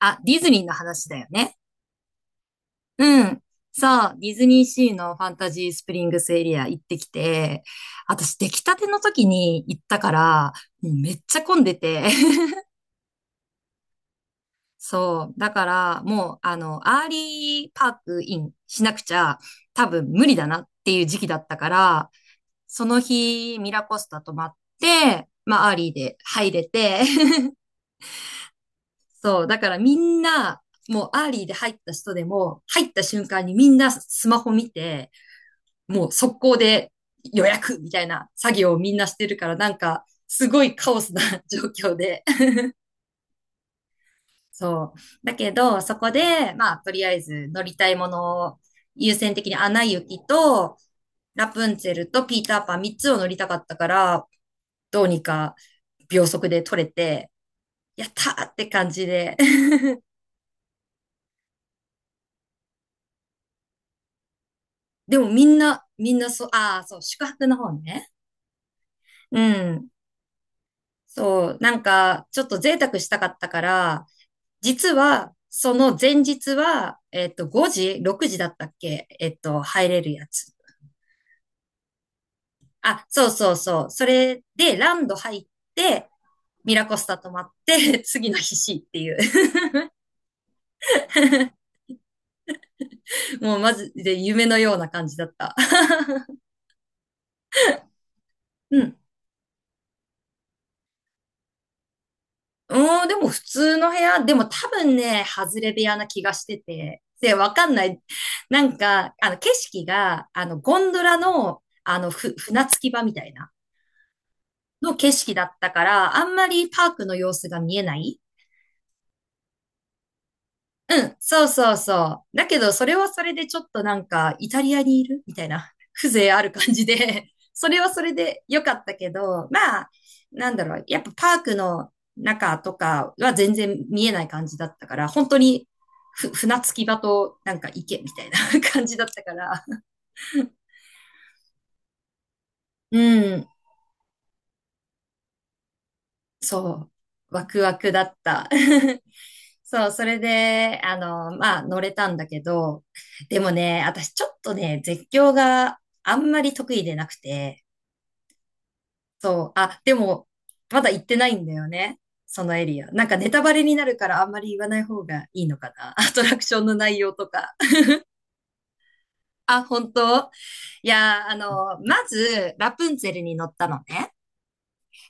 あ、ディズニーの話だよね。うん。そう、ディズニーシーのファンタジースプリングスエリア行ってきて、私出来たての時に行ったから、もうめっちゃ混んでて。そう、だからもう、アーリーパークインしなくちゃ多分無理だなっていう時期だったから、その日ミラコスタ泊まって、まあアーリーで入れて、そう、だからみんな、もうアーリーで入った人でも、入った瞬間にみんなスマホ見て、もう速攻で予約みたいな作業をみんなしてるから、なんか、すごいカオスな 状況で。そう。だけど、そこで、まあ、とりあえず乗りたいものを優先的にアナ雪と、ラプンツェルとピーターパン3つを乗りたかったから、どうにか秒速で取れて、やったーって感じで。でもみんなそう、ああ、そう、宿泊の方ね。うん。そう、なんか、ちょっと贅沢したかったから、実は、その前日は、5時 ?6 時だったっけ、入れるやつ。あ、そうそうそう。それで、ランド入って、ミラコスタ泊まって、次の日 C っていう。もう、まずで夢のような感じだった。うん。でも普通の部屋、でも多分ね、外れ部屋な気がしてて。で、わかんない。なんか、景色が、ゴンドラの、船着き場みたいな、の景色だったから、あんまりパークの様子が見えない。そうそうそう。だけど、それはそれでちょっとなんか、イタリアにいるみたいな、風情ある感じで、それはそれで良かったけど、まあ、なんだろう、やっぱパークの中とかは全然見えない感じだったから、本当に船着き場となんか池みたいな 感じだったから、うん。そう、ワクワクだった。そう、それで、まあ、乗れたんだけど、でもね、私ちょっとね、絶叫があんまり得意でなくて、そう、あ、でも、まだ行ってないんだよね。そのエリア。なんかネタバレになるからあんまり言わない方がいいのかな。アトラクションの内容とか。あ、本当？いや、まず、ラプンツェルに乗ったのね。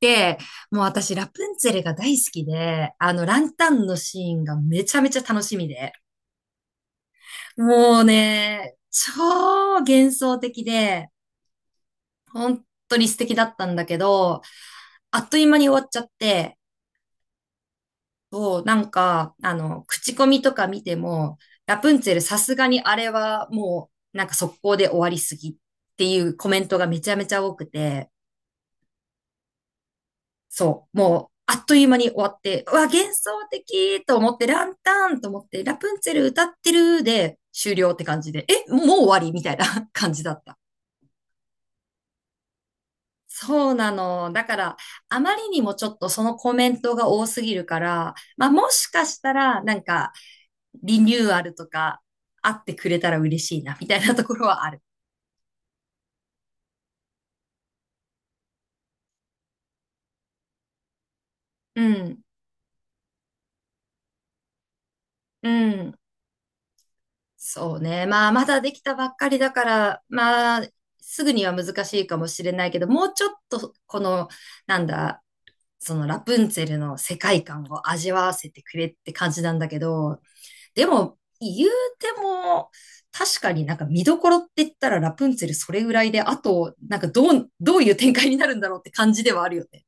でもう私、ラプンツェルが大好きで、ランタンのシーンがめちゃめちゃ楽しみで、もうね、超幻想的で、本当に素敵だったんだけど、あっという間に終わっちゃって、そう、なんか、口コミとか見ても、ラプンツェルさすがにあれはもう、なんか速攻で終わりすぎっていうコメントがめちゃめちゃ多くて、そう、もう、あっという間に終わって、うわ、幻想的と思って、ランタンと思って、ラプンツェル歌ってるで終了って感じで、え、もう終わりみたいな 感じだった。そうなの。だから、あまりにもちょっとそのコメントが多すぎるから、まあ、もしかしたら、なんか、リニューアルとか、あってくれたら嬉しいな、みたいなところはある。うん、うん。そうね。まあ、まだできたばっかりだから、まあ、すぐには難しいかもしれないけど、もうちょっと、この、なんだ、そのラプンツェルの世界観を味わわせてくれって感じなんだけど、でも、言うても、確かになんか見どころって言ったらラプンツェルそれぐらいで、あと、なんかどう、どういう展開になるんだろうって感じではあるよね。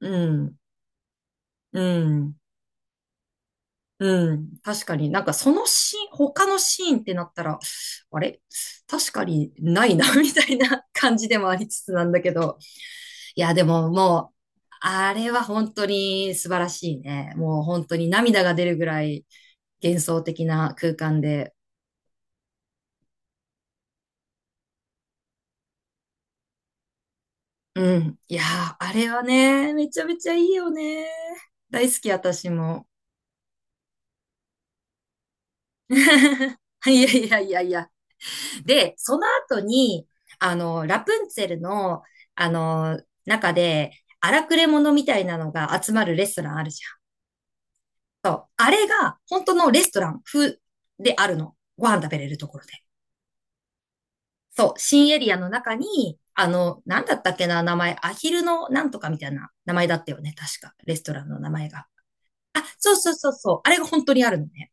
うん。うん。うん。確かになんかそのシーン、他のシーンってなったら、あれ確かにないな みたいな感じでもありつつなんだけど。いや、でももう、あれは本当に素晴らしいね。もう本当に涙が出るぐらい幻想的な空間で。うん。いやー、あれはね、めちゃめちゃいいよね。大好き、私も。いやいやいやいや。で、その後に、ラプンツェルの、あの、中で、荒くれ者みたいなのが集まるレストランあるじゃん。そう。あれが、本当のレストラン風であるの。ご飯食べれるところで。そう。新エリアの中に、なんだったっけな、名前。アヒルのなんとかみたいな名前だったよね。確か。レストランの名前が。あ、そうそうそうそう。あれが本当にあるのね。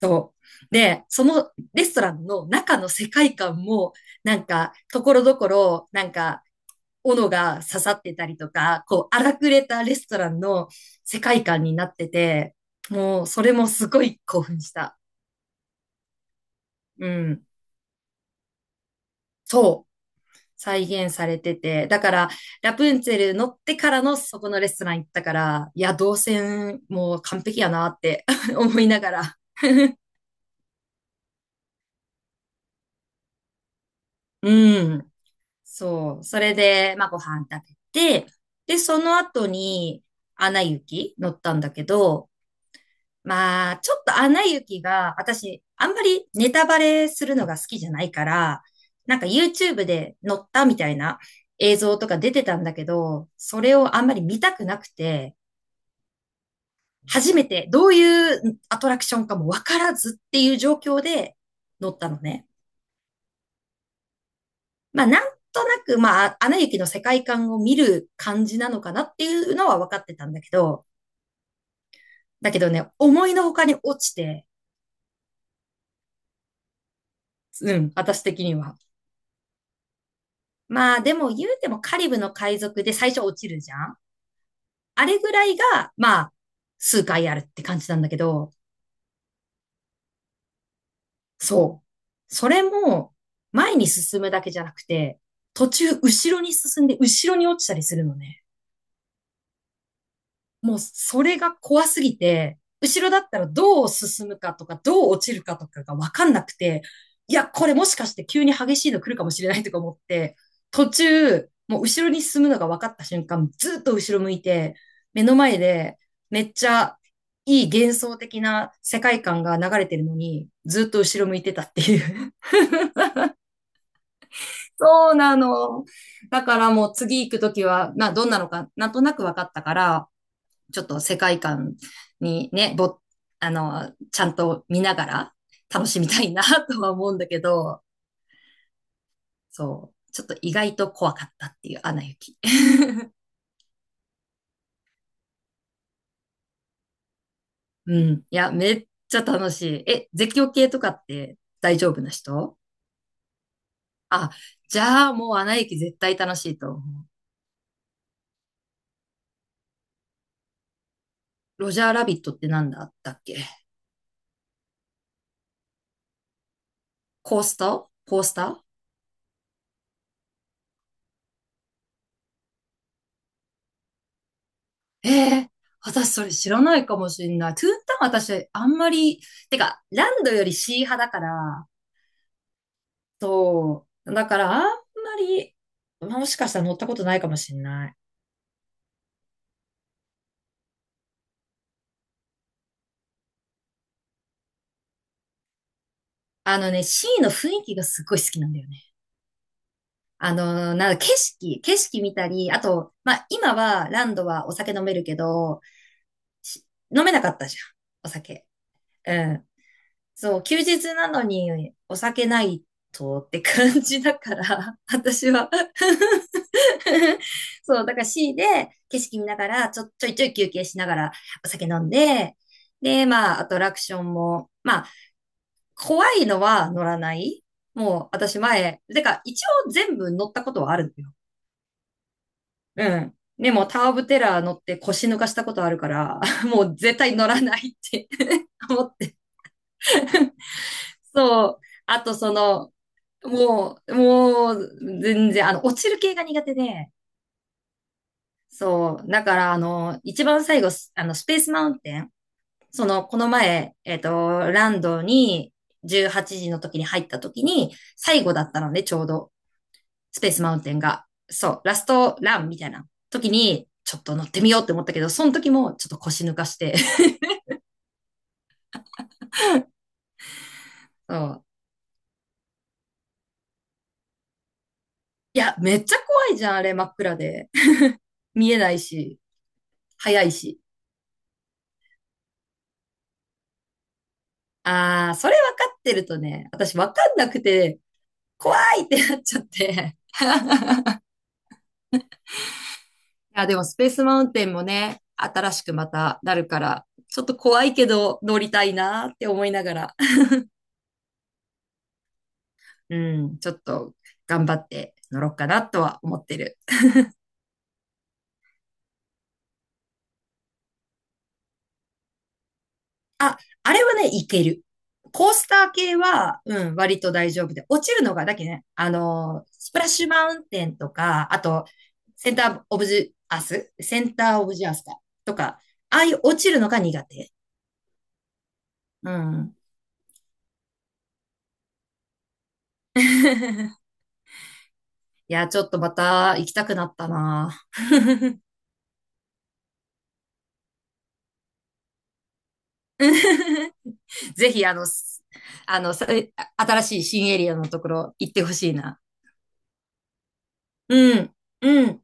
そう。で、そのレストランの中の世界観も、なんか、ところどころ、なんか、斧が刺さってたりとか、こう、荒くれたレストランの世界観になってて、もう、それもすごい興奮した。うん。そう。再現されてて。だから、ラプンツェル乗ってからのそこのレストラン行ったから、いや、動線もう完璧やなって 思いながら。うん。そう。それで、まあ、ご飯食べて、で、その後に、アナ雪乗ったんだけど、まあ、ちょっとアナ雪が、私、あんまりネタバレするのが好きじゃないから、なんか YouTube で載ったみたいな映像とか出てたんだけど、それをあんまり見たくなくて、初めてどういうアトラクションかもわからずっていう状況で乗ったのね。まあ、なんとなく、まあ、アナ雪の世界観を見る感じなのかなっていうのは分かってたんだけど、だけどね、思いのほかに落ちて、うん、私的には。まあでも言うてもカリブの海賊で最初落ちるじゃん。あれぐらいが、まあ、数回あるって感じなんだけど、そう。それも、前に進むだけじゃなくて、途中後ろに進んで後ろに落ちたりするのね。もうそれが怖すぎて、後ろだったらどう進むかとか、どう落ちるかとかがわかんなくて、いや、これもしかして急に激しいの来るかもしれないとか思って、途中、もう後ろに進むのが分かった瞬間、ずっと後ろ向いて、目の前でめっちゃいい幻想的な世界観が流れてるのに、ずっと後ろ向いてたっていう。そうなの。だからもう次行くときは、まあどんなのかなんとなく分かったから、ちょっと世界観にね、ぼ、あの、ちゃんと見ながら楽しみたいな とは思うんだけど、そう、ちょっと意外と怖かったっていうアナ雪。うん。いや、めっちゃ楽しい。え、絶叫系とかって大丈夫な人？あ、じゃあもうアナ雪絶対楽しいと思う。ロジャーラビットってなんだったっけ？コースター、コースター？ええー、私それ知らないかもしんない。トゥーンタウン私あんまり、てか、ランドよりシー派だから、そう。だからあんまり、もしかしたら乗ったことないかもしれない。あのね、C の雰囲気がすっごい好きなんだよね。なんか景色見たり、あと、まあ、今はランドはお酒飲めるけど、し飲めなかったじゃん、お酒。うん。そう、休日なのにお酒ないとって感じだから、私は そう、だから C で景色見ながら、ちょいちょい休憩しながらお酒飲んで、で、まあ、アトラクションも、まあ、怖いのは乗らない。もう、私前、てか、一応全部乗ったことはあるんだよ。うん。でも、タワー・オブ・テラー乗って腰抜かしたことあるから、もう絶対乗らないって 思って。そう。あと、その、もう、全然、落ちる系が苦手で、そう。だから、一番最後、スあの、スペースマウンテン、その、この前、ランドに18時の時に入った時に、最後だったので、ちょうど、スペースマウンテンが。そう、ラストランみたいな時に、ちょっと乗ってみようって思ったけど、その時もちょっと腰抜かして。そう。いや、めっちゃ怖いじゃん、あれ、真っ暗で。見えないし、早いし。ああ、それ分かってるとね、私分かんなくて、怖いってなっちゃって。や、でもスペースマウンテンもね、新しくまたなるから、ちょっと怖いけど乗りたいなって思いながら、うん、ちょっと頑張って乗ろうかなとは思ってる。あ、あれはね、いける。コースター系は、うん、割と大丈夫で、落ちるのが、だけどね、スプラッシュマウンテンとか、あと、センターオブジアスセンターオブジアスかとか、ああいう落ちるのが苦手。うん。いや、ちょっとまた行きたくなったな。ぜひ、すあの、新しい新エリアのところ行ってほしいな。うん、うん。